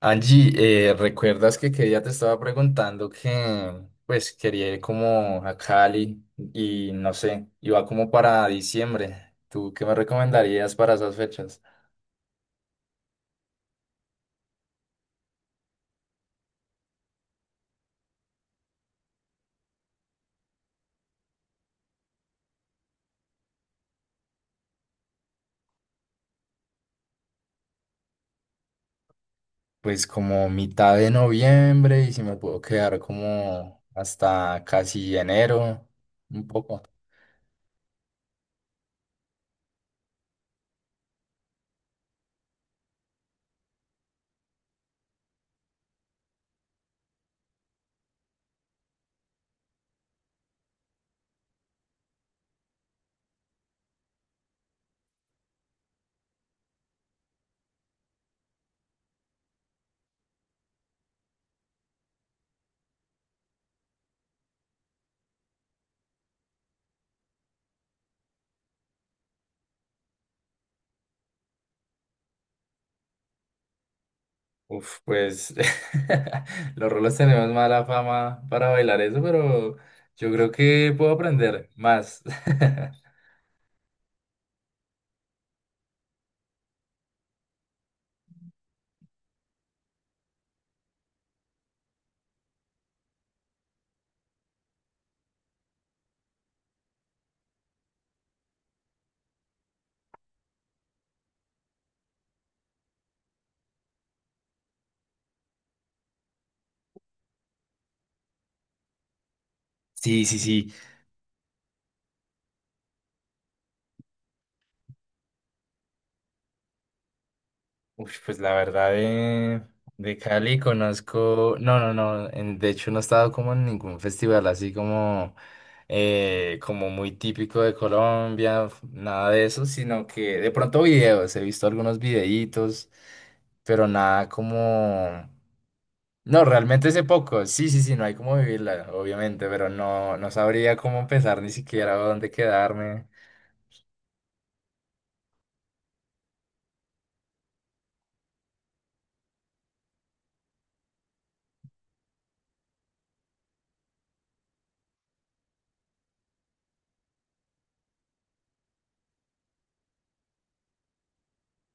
Angie, ¿recuerdas que ya te estaba preguntando que pues quería ir como a Cali y no sé, iba como para diciembre? ¿Tú qué me recomendarías para esas fechas? Pues como mitad de noviembre y si me puedo quedar como hasta casi enero, un poco. Uf, pues los rolos tenemos mala fama para bailar eso, pero yo creo que puedo aprender más. Sí, sí, sí. Uy, pues la verdad de Cali conozco, no, no, no, de hecho no he estado como en ningún festival así como, como muy típico de Colombia, nada de eso, sino que de pronto videos, he visto algunos videitos, pero nada como, no, realmente hace poco, sí, sí, sí, no hay como vivirla, obviamente, pero no, no sabría cómo empezar ni siquiera o dónde quedarme.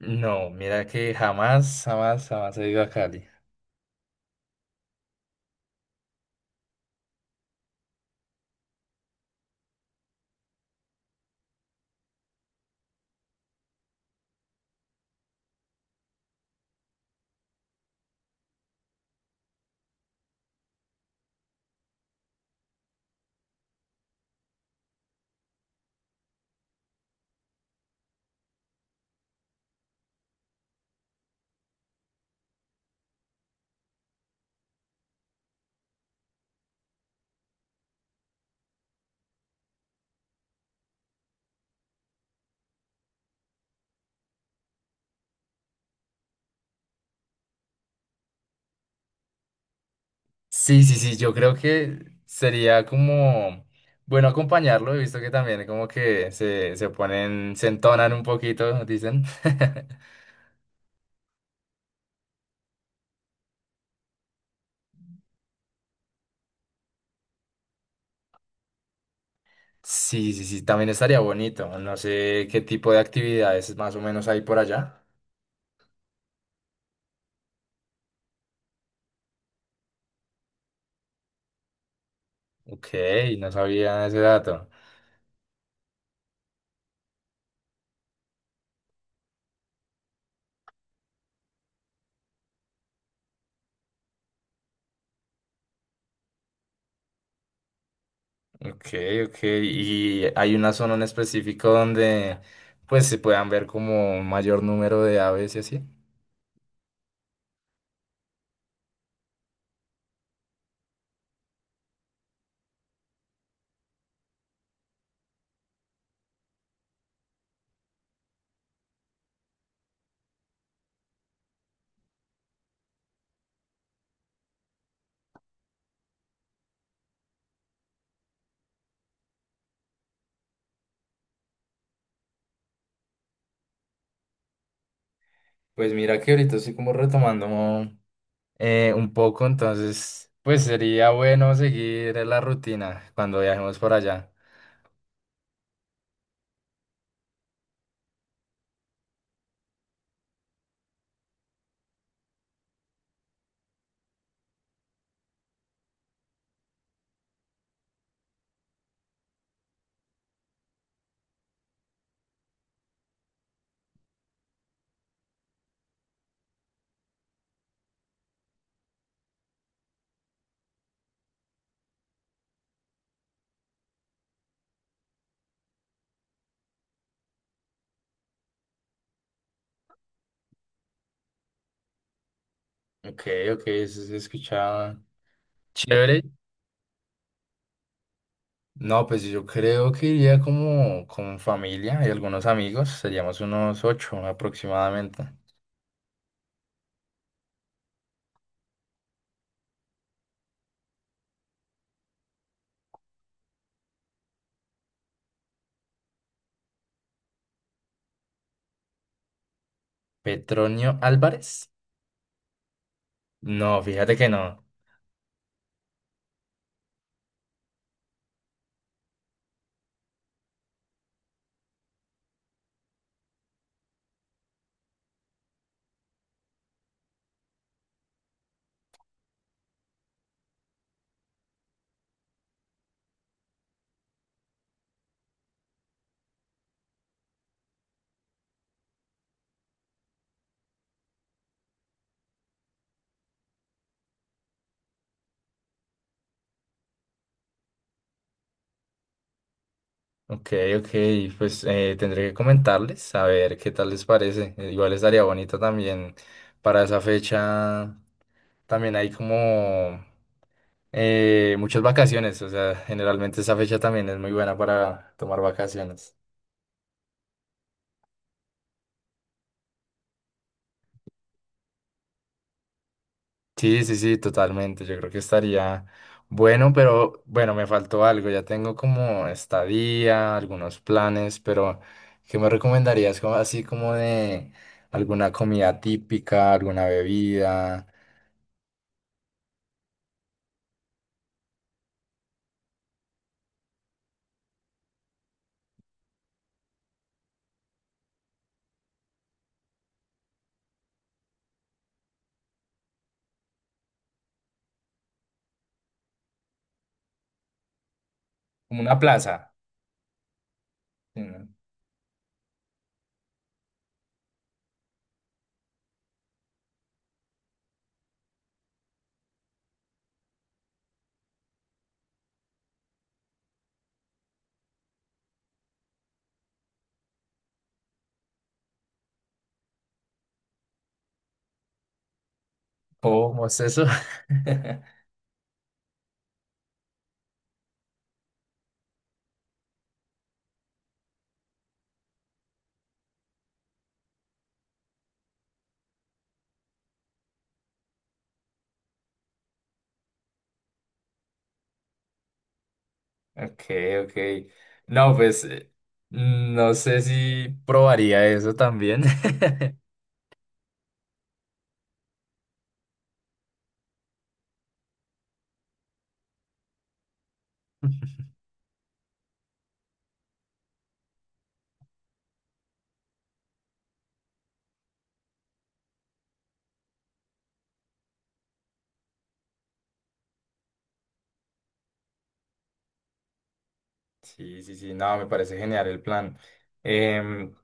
No, mira que jamás, jamás, jamás he ido a Cali. Sí, sí, sí, yo creo que sería como bueno acompañarlo. He visto que también como que se ponen, se entonan un poquito, dicen. Sí, sí, sí, también estaría bonito. No sé qué tipo de actividades más o menos hay por allá. Ok, no sabía ese dato. Ok, ok. ¿Y hay una zona en específico donde pues se puedan ver como un mayor número de aves y así? Pues mira que ahorita estoy como retomando, un poco, entonces, pues sería bueno seguir la rutina cuando viajemos por allá. Ok, ok, eso se escuchaba chévere. No, pues yo creo que iría como con familia y algunos amigos, seríamos unos 8 aproximadamente. Petronio Álvarez. No, fíjate que no. Ok, ok, pues tendré que comentarles a ver qué tal les parece. Igual estaría bonito también para esa fecha, también hay como eh, muchas vacaciones, o sea, generalmente esa fecha también es muy buena para tomar vacaciones. Sí, sí, sí, totalmente. Yo creo que estaría bueno, pero bueno, me faltó algo. Ya tengo como estadía, algunos planes, pero ¿qué me recomendarías? Como, así como de alguna comida típica, alguna bebida, como una plaza. Mm, ¿cómo es eso? Ok, ok. No, pues no sé si probaría eso también. Sí, sí, sí, no, me parece genial el plan. Em,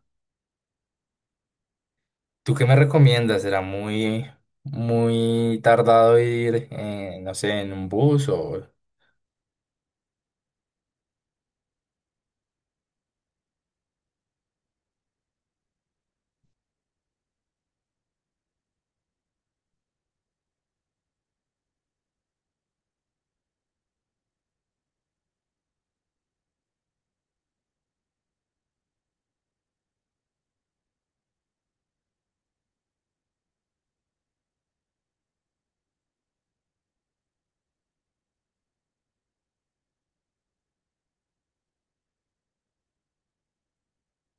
¿tú qué me recomiendas? ¿Será muy, muy tardado ir, no sé, en un bus o...?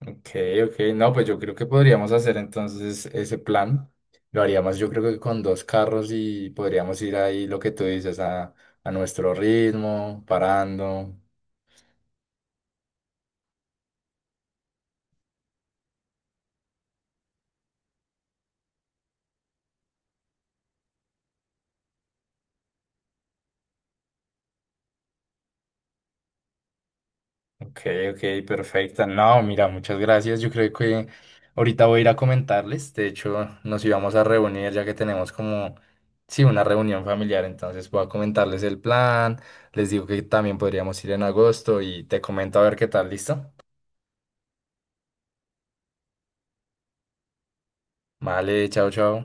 Ok, ok, no, pues yo creo que podríamos hacer entonces ese plan. Lo haríamos yo creo que con dos carros y podríamos ir ahí, lo que tú dices, a nuestro ritmo, parando. Ok, ok, perfecta. No, mira, muchas gracias. Yo creo que ahorita voy a ir a comentarles. De hecho, nos íbamos a reunir ya que tenemos como, sí, una reunión familiar. Entonces voy a comentarles el plan. Les digo que también podríamos ir en agosto y te comento a ver qué tal, ¿listo? Vale, chao, chao.